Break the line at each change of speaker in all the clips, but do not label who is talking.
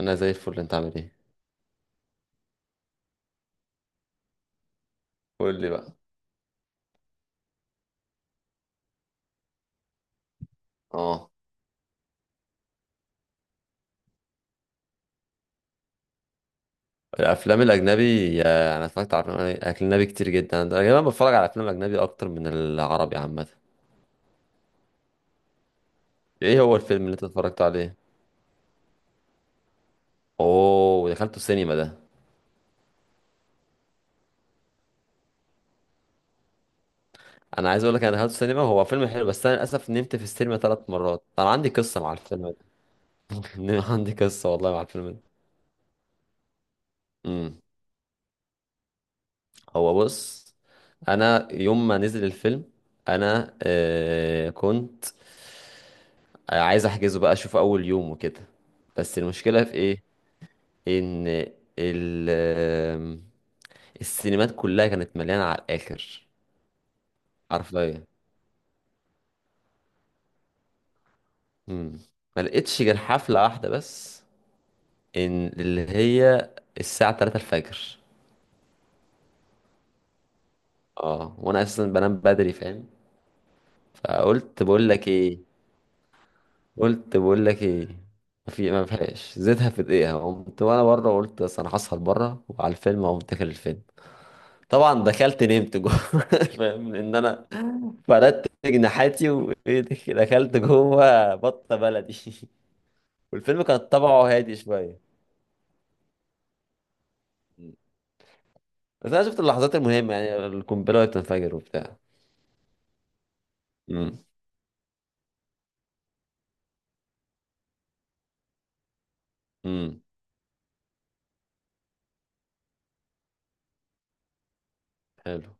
انا زي الفل، انت عامل ايه؟ قول لي بقى. اه، الافلام الاجنبي، انا اتفرجت على افلام اجنبي كتير جدا. انا غالبا بتفرج على افلام اجنبي اكتر من العربي عامه. ايه هو الفيلم اللي انت اتفرجت عليه؟ اوه، دخلته السينما ده؟ انا عايز اقول لك، انا دخلته السينما. هو فيلم حلو، بس انا للاسف نمت في السينما ثلاث مرات. انا عندي قصه مع الفيلم ده. عندي قصه والله مع الفيلم ده. امم هو بص، انا يوم ما نزل الفيلم انا كنت عايز احجزه بقى، اشوف اول يوم وكده. بس المشكله في ايه؟ ان ال آم، السينمات كلها كانت مليانه على الاخر. حرفيا. امم ما لقيتش غير حفله واحده بس، ان اللي هي الساعه 3 الفجر. اه، وانا اساسا بنام بدري، فاهم؟ فقلت بقول لك ايه، قلت بقول لك ايه، ما فيهاش زيتها، في دقيقه قمت وانا بره. قلت بس انا هسهر بره، وعلى الفيلم اقوم داخل الفيلم. طبعا دخلت نمت جوه. فاهم ان انا فردت جناحاتي وايه، دخلت جوه بطه بلدي. والفيلم كان طبعه هادي شويه، بس انا شفت اللحظات المهمه، يعني القنبله وهي بتنفجر وبتاع. امم امم حلو.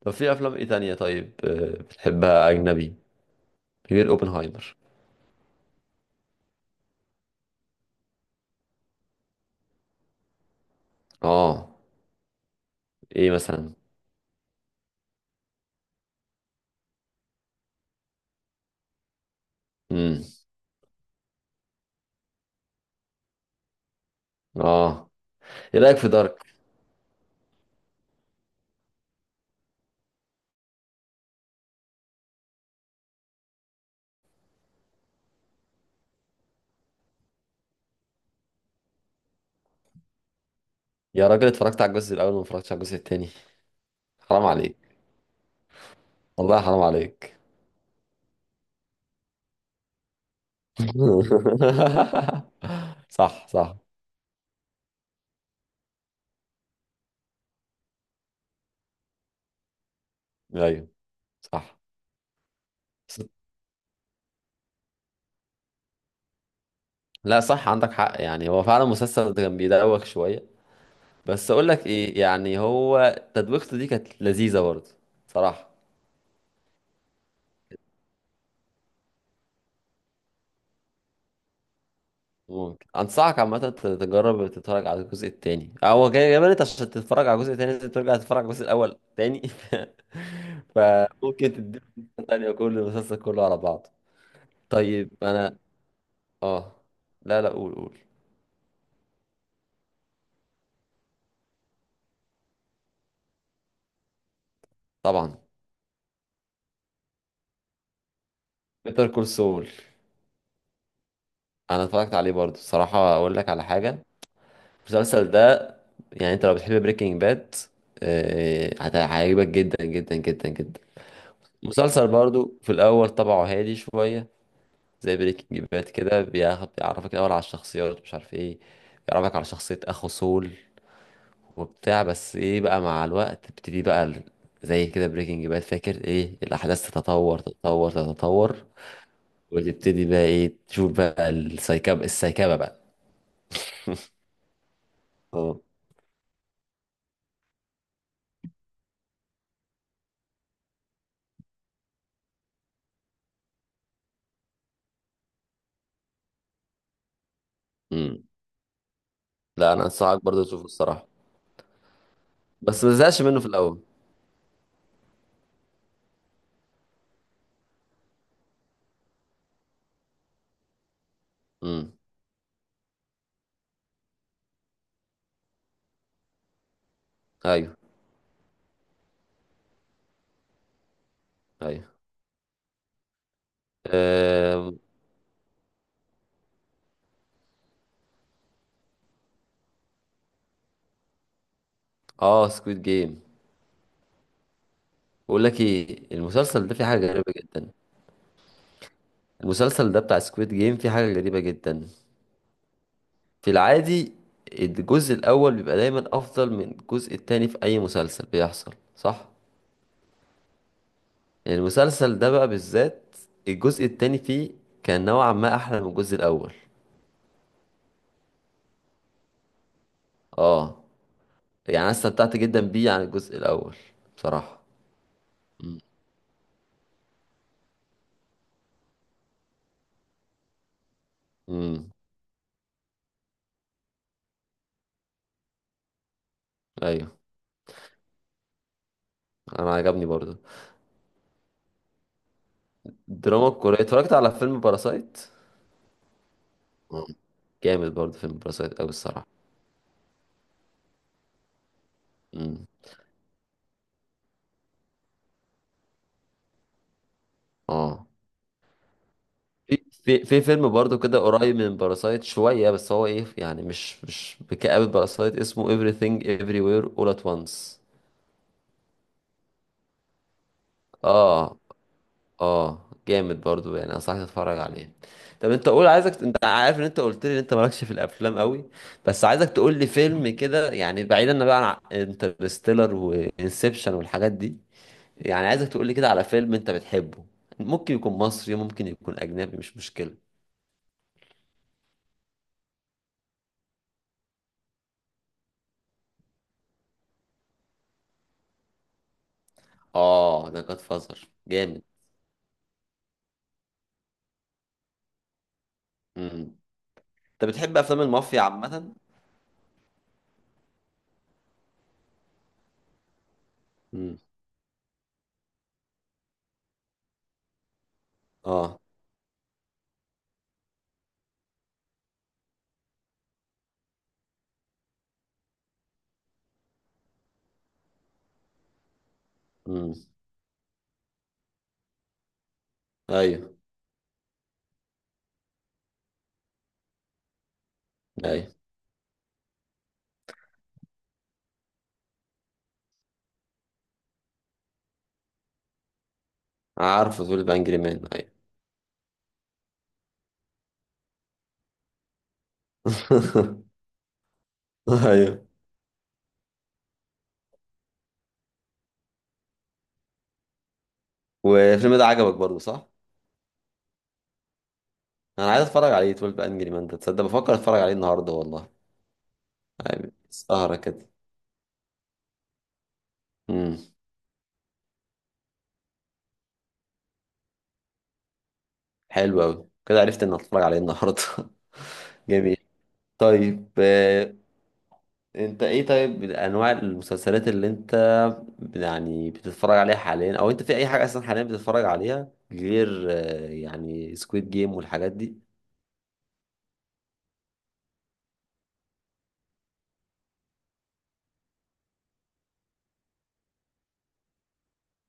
طب في افلام ايه تانية طيب، بتحبها اجنبي غير اوبنهايمر؟ اه. ايه مثلا؟ امم. اه. ايه رايك في دارك؟ يا راجل، اتفرجت على الجزء الاول وما اتفرجتش على الجزء التاني؟ حرام عليك. والله حرام عليك. صح، صح. ايوه، صح. لا، صح، عندك حق. يعني هو فعلا المسلسل ده كان بيدوخ شوية. بس اقول لك ايه، يعني هو تدويخته دي كانت لذيذة برضه، صراحة. ممكن انصحك عامة تجرب تتفرج على الجزء التاني. هو جاي بالك، عشان تتفرج على الجزء التاني لازم ترجع تتفرج على الجزء الاول تاني. فممكن تديله فرصة تانية، كل المسلسل كله على بعضه. طيب انا، اه، لا لا، قول قول. طبعا. بيتر كول سول. انا اتفرجت عليه برضه، صراحة اقول لك على حاجة. المسلسل ده، يعني انت لو بتحب بريكنج باد هيعجبك جدا جدا جدا جدا. مسلسل برضو في الاول طبعه هادي شويه، زي بريكنج باد كده، بياخد بيعرفك الاول على الشخصيات، مش عارف ايه. بيعرفك على شخصيه اخو سول وبتاع، بس ايه بقى، مع الوقت تبتدي بقى زي كده بريكنج باد، فاكر ايه، الاحداث تتطور تتطور تتطور، وتبتدي بقى ايه، تشوف بقى السايكابه بقى. اه. امم. لا، انا انصحك برضو تشوفه الصراحه، بس ما زهقش منه في الاول. امم. ايوه، ايوه. اه. آه، سكويد جيم. بقول لك ايه، المسلسل ده فيه حاجه غريبه جدا. المسلسل ده بتاع سكويد جيم فيه حاجه غريبه جدا. في العادي الجزء الاول بيبقى دايما افضل من الجزء التاني في اي مسلسل، بيحصل صح؟ يعني المسلسل ده بقى بالذات الجزء التاني فيه كان نوعا ما احلى من الجزء الاول. اه. يعني انا استمتعت جدا بيه عن الجزء الاول، بصراحه. امم. ايوه. انا عجبني برضه. الدراما الكورية، اتفرجت على فيلم باراسايت. آه. جامد برضه فيلم باراسايت أوي، الصراحة. امم. اه. في فيلم برضه كده قريب من باراسايت شوية، بس هو ايه يعني، مش بكآبة باراسايت، اسمه Everything Everywhere All at Once. اه. اه، جامد برضه، يعني انصحك تتفرج عليه. طب انت قول، عايزك، انت عارف ان انت قلت لي ان انت مالكش في الافلام قوي، بس عايزك تقول لي فيلم كده، يعني بعيدا بقى عن انترستيلر وانسبشن والحاجات دي. يعني عايزك تقولي كده على فيلم انت بتحبه. ممكن يكون مصري، ممكن يكون اجنبي، مش مشكلة. اه، ده جاد فازر جامد. امم. انت بتحب افلام المافيا عامة؟ امم. اه. امم. ايوه، ايوه، عارفه تقول بانجري مان، ايوه. ايوه. والفيلم ده عجبك برضه صح؟ انا عايز اتفرج عليه، 12 انجري مان ده، تصدق بفكر اتفرج عليه النهارده والله. يعني سهرة كده. امم. حلو قوي، كده عرفت ان اتفرج عليه النهارده. جميل. طيب، انت ايه طيب انواع المسلسلات اللي انت يعني بتتفرج عليها حاليا، او انت في اي حاجه اصلا حاليا بتتفرج عليها، غير يعني سكويد جيم والحاجات دي؟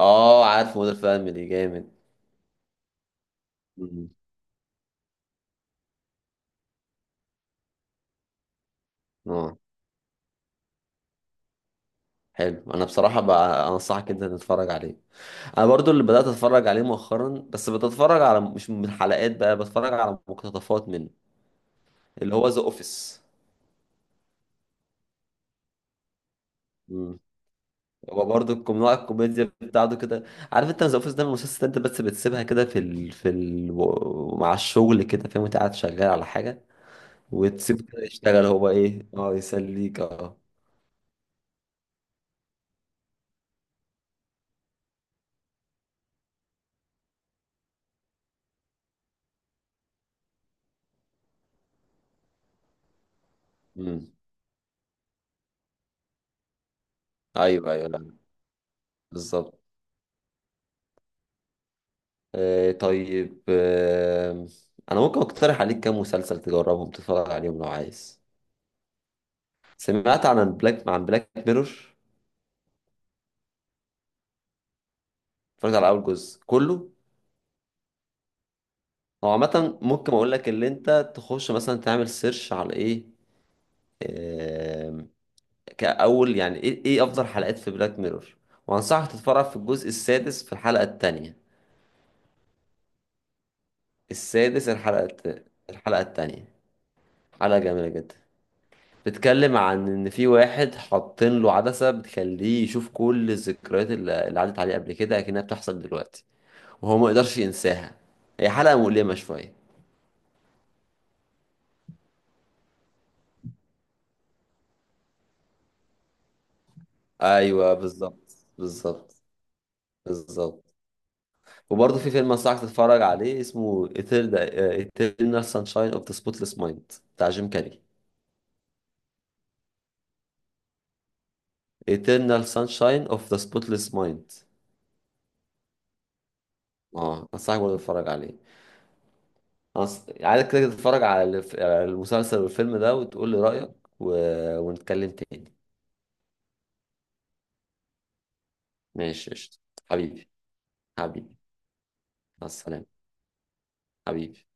اه، عارف مودر فاميلي جامد. مم. اه. حلو، انا بصراحه بقى انصحك انت تتفرج عليه. انا برضو اللي بدات اتفرج عليه مؤخرا، بس بتتفرج على، مش من حلقات بقى، بتفرج على مقتطفات منه، اللي هو ذا اوفيس. هو برضه نوع الكوميديا بتاعته كده، عارف، انت ذا اوفيس ده من المسلسل انت بس بتسيبها كده في ال... في ال... مع الشغل كده، فاهم، انت قاعد شغال على حاجه وتسيبه كده يشتغل هو، ايه، اه يسليك، اه. امم. ايوه ايوه، لا، بالظبط. آه، طيب، آه، انا ممكن اقترح عليك كام مسلسل تجربهم تتفرج عليهم لو عايز؟ سمعت عن عن بلاك ميرور؟ اتفرجت على اول جزء كله. هو عامه ممكن اقول لك، اللي انت تخش مثلا تعمل سيرش على ايه كأول، يعني إيه، إيه أفضل حلقات في بلاك ميرور، وأنصحك تتفرج في الجزء السادس في الحلقة التانية. السادس، الحلقة الحلقة التانية. حلقة جميلة جدا، بتتكلم عن إن في واحد حاطين له عدسة بتخليه يشوف كل الذكريات اللي عدت عليه قبل كده، أكنها بتحصل دلوقتي، وهو ما يقدرش ينساها. هي حلقة مؤلمة شوية. أيوه، بالظبط، بالظبط، بالظبط. وبرضه في فيلم أنصحك تتفرج عليه اسمه Eternal، Eternal Sunshine of the Spotless Mind، بتاع جيم كاري. Eternal Sunshine of the Spotless Mind. اه، انصحك برضه تتفرج عليه. عايزك كده تتفرج على على المسلسل والفيلم ده وتقول لي رأيك، و... ونتكلم تاني. ماشي، قشطة. حبيبي، حبيبي. مع السلامة. حبيبي.